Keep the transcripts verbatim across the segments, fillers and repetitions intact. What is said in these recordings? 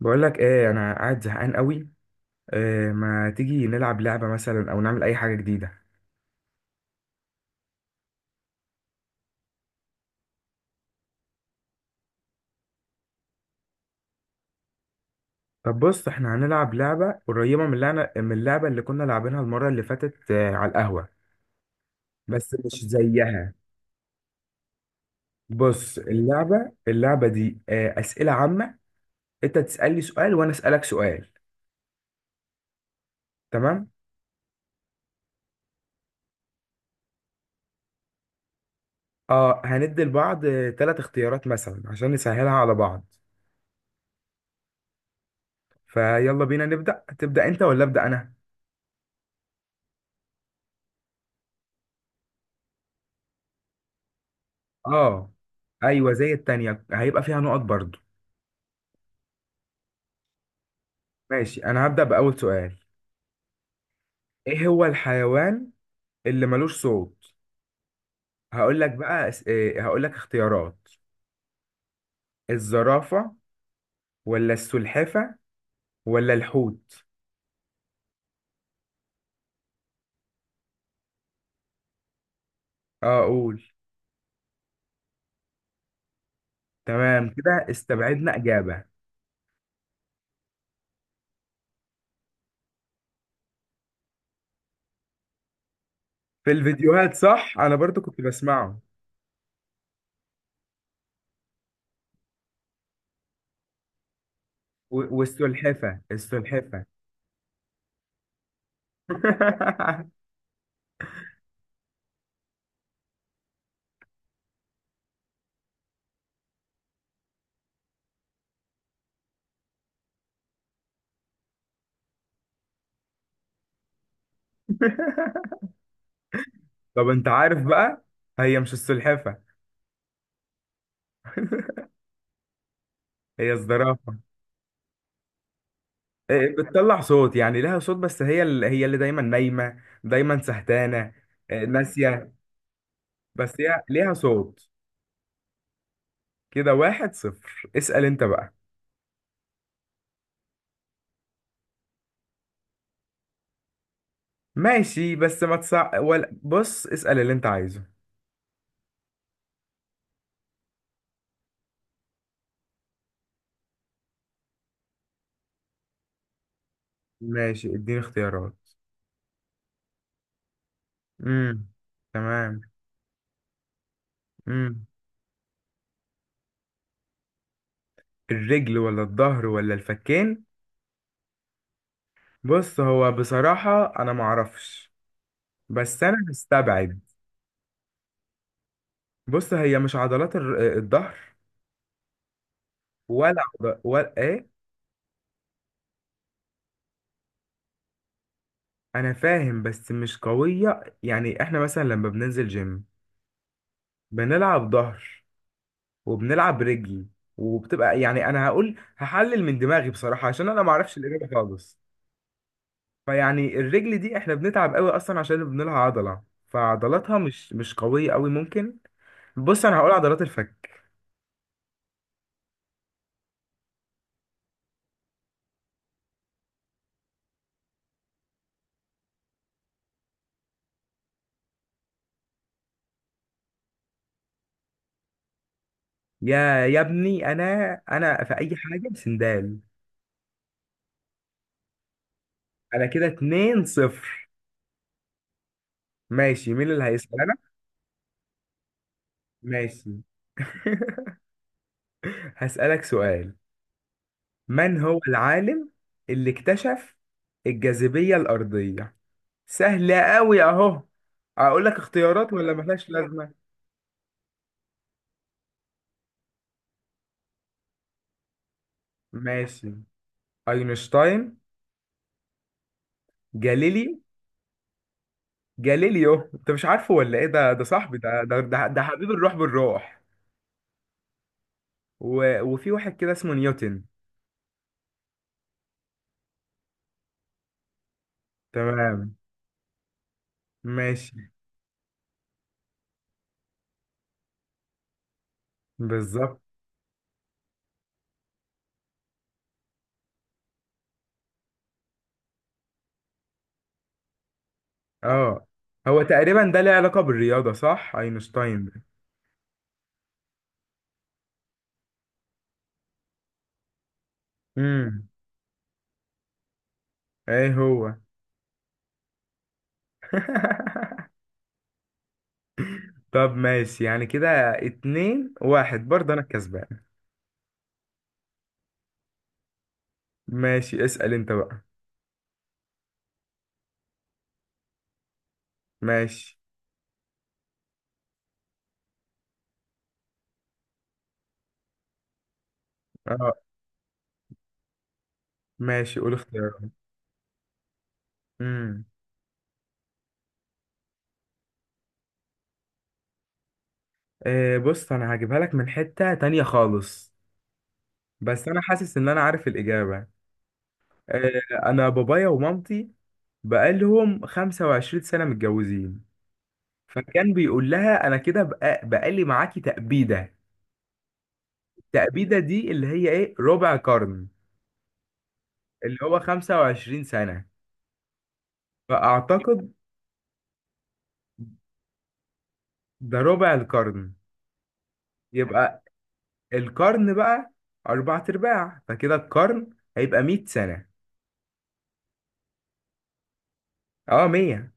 بقول لك ايه انا قاعد زهقان قوي. إيه، ما تيجي نلعب لعبه مثلا او نعمل اي حاجه جديده؟ طب بص احنا هنلعب لعبه قريبه من اللعبه من اللعبه اللي كنا لاعبينها المره اللي فاتت، آه، على القهوه. بس مش زيها. بص اللعبه اللعبه دي آه، اسئله عامه. انت تسالني سؤال وانا اسالك سؤال. تمام. اه، هندي لبعض ثلاث اختيارات مثلا عشان نسهلها على بعض. فيلا بينا نبدا تبدا انت ولا ابدا انا؟ اه، ايوه زي التانية هيبقى فيها نقط برضو. ماشي انا هبدأ بأول سؤال. ايه هو الحيوان اللي ملوش صوت؟ هقول لك بقى، أس- إيه هقول لك اختيارات. الزرافة، ولا السلحفة، ولا الحوت؟ اه اقول. تمام كده استبعدنا إجابة. في الفيديوهات صح، انا برضو كنت بسمعه. و- والسلحفة السلحفة طب انت عارف بقى، هي مش السلحفة. هي الزرافة. إيه، بتطلع صوت، يعني لها صوت، بس هي اللي هي اللي دايما نايمة دايما سهتانة. إيه، ناسية. بس هي ليها صوت. كده واحد صفر، اسأل انت بقى. ماشي، بس ما تصع، ولا بص اسأل اللي انت عايزه. ماشي اديني اختيارات. امم. تمام. امم. الرجل ولا الظهر ولا الفكين؟ بص هو بصراحة انا معرفش، بس انا مستبعد. بص هي مش عضلات الر- الظهر، ولا عض... ولا ايه. انا فاهم بس مش قوية، يعني احنا مثلا لما بننزل جيم بنلعب ظهر وبنلعب رجل، وبتبقى يعني، انا هقول هحلل من دماغي بصراحة عشان انا معرفش الاجابة خالص. فيعني الرجل دي احنا بنتعب قوي اصلا عشان بنلعب عضلة، فعضلاتها مش مش قوية قوي ممكن. بص انا هقول عضلات الفك. يا يا ابني، انا انا في اي حاجة سندال. انا كده اتنين صفر. ماشي، مين اللي هيسأل؟ انا؟ ماشي. هسألك سؤال. من هو العالم اللي اكتشف الجاذبية الأرضية؟ سهلة أوي أهو. أقول لك اختيارات ولا ملهاش لازمة؟ ماشي. أينشتاين، جاليليو. جاليليو أنت مش عارفه، ولا إيه؟ ده ده صاحبي، ده ده ده, ده حبيب الروح بالروح. و... وفي واحد كده اسمه نيوتن. تمام. ماشي. بالظبط. اه هو تقريبا ده ليه علاقة بالرياضة، صح؟ أينشتاين ده. امم. ايه هو؟ طب ماشي، يعني كده اتنين واحد، برضه انا الكسبان. ماشي اسأل انت بقى. ماشي. اه. ماشي قول اختيارات. امم. آه بص انا هجيبها لك من حتة تانية خالص، بس انا حاسس ان انا عارف الاجابة. آه، انا بابايا ومامتي بقالهم خمسة وعشرين سنة متجوزين، فكان بيقول لها، انا كده بقى بقالي معاكي تأبيدة. التأبيدة دي اللي هي ايه؟ ربع قرن، اللي هو خمسة وعشرين سنة. فاعتقد ده ربع القرن، يبقى القرن بقى أربعة أرباع، فكده القرن هيبقى مية سنة. اه، مية.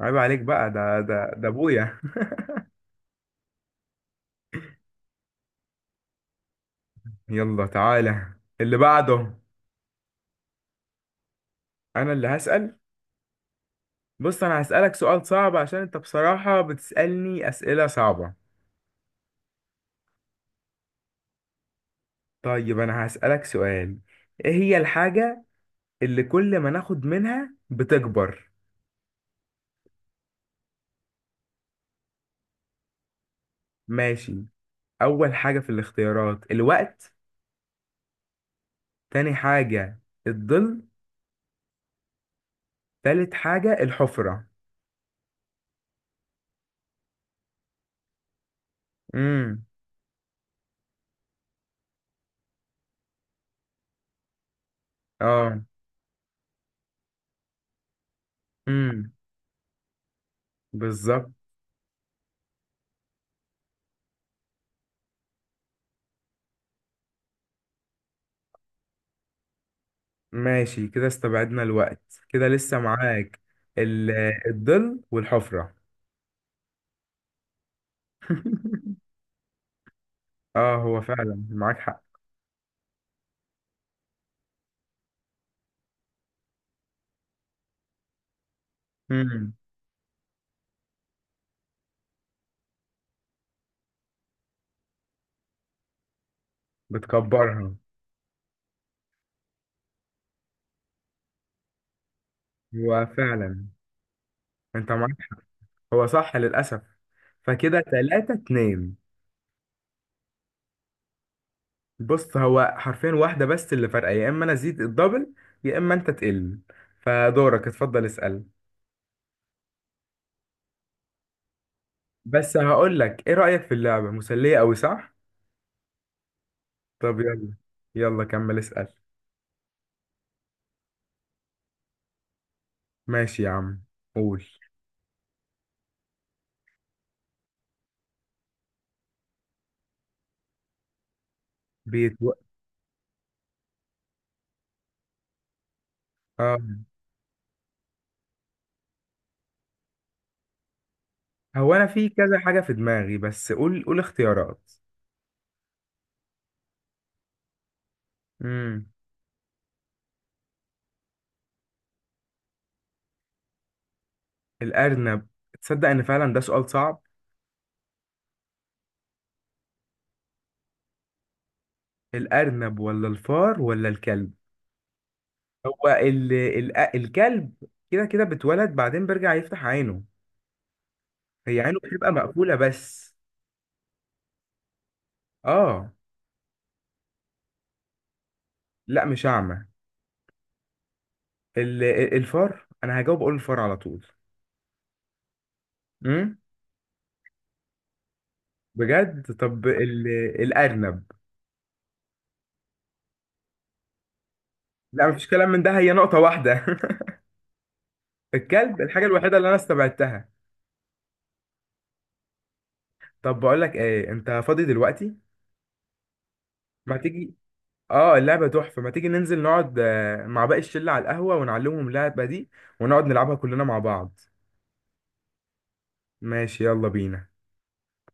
عيب عليك بقى، ده ده ده أبويا. يلا تعالى اللي بعده. أنا اللي هسأل. بص أنا هسألك سؤال صعب، عشان أنت بصراحة بتسألني أسئلة صعبة. طيب أنا هسألك سؤال، إيه هي الحاجة اللي كل ما ناخد منها بتكبر؟ ماشي. أول حاجة في الاختيارات، الوقت. تاني حاجة، الظل. تالت حاجة، الحفرة. مم. اه. امم. بالظبط. ماشي كده استبعدنا الوقت. كده لسه معاك ال- الظل والحفرة. اه، هو فعلا معاك حق. امم. بتكبرها. هو فعلا انت معاك حق. هو صح للأسف، فكده تلاتة اتنين. بص هو حرفيا واحدة بس اللي فارقة، يا اما انا ازيد الدبل، يا اما انت تقل. فدورك اتفضل اسأل. بس هقول لك ايه، رأيك في اللعبة مسلية قوي صح؟ طب يلا، يلا كمل اسأل. ماشي يا عم، قول. بيتو... آه. هو انا في كذا حاجة في دماغي، بس قول قول اختيارات. امم. الارنب. تصدق ان فعلا ده سؤال صعب. الارنب ولا الفار ولا الكلب؟ هو ال... ال... الكلب كده كده بتولد بعدين بيرجع يفتح عينه. هي عينه بتبقى مقفولة بس. اه. لا مش اعمى. ال... الفار، انا هجاوب اقول الفار على طول. امم. بجد؟ طب ال... الارنب. لا، مفيش كلام من ده، هي نقطة واحدة. الكلب الحاجة الوحيدة اللي أنا استبعدتها. طب بقول لك إيه، أنت فاضي دلوقتي؟ ما تيجي. آه اللعبة تحفة، ما تيجي ننزل نقعد آه، مع باقي الشلة على القهوة ونعلمهم اللعبة دي ونقعد نلعبها كلنا مع بعض. ماشي يلا بينا.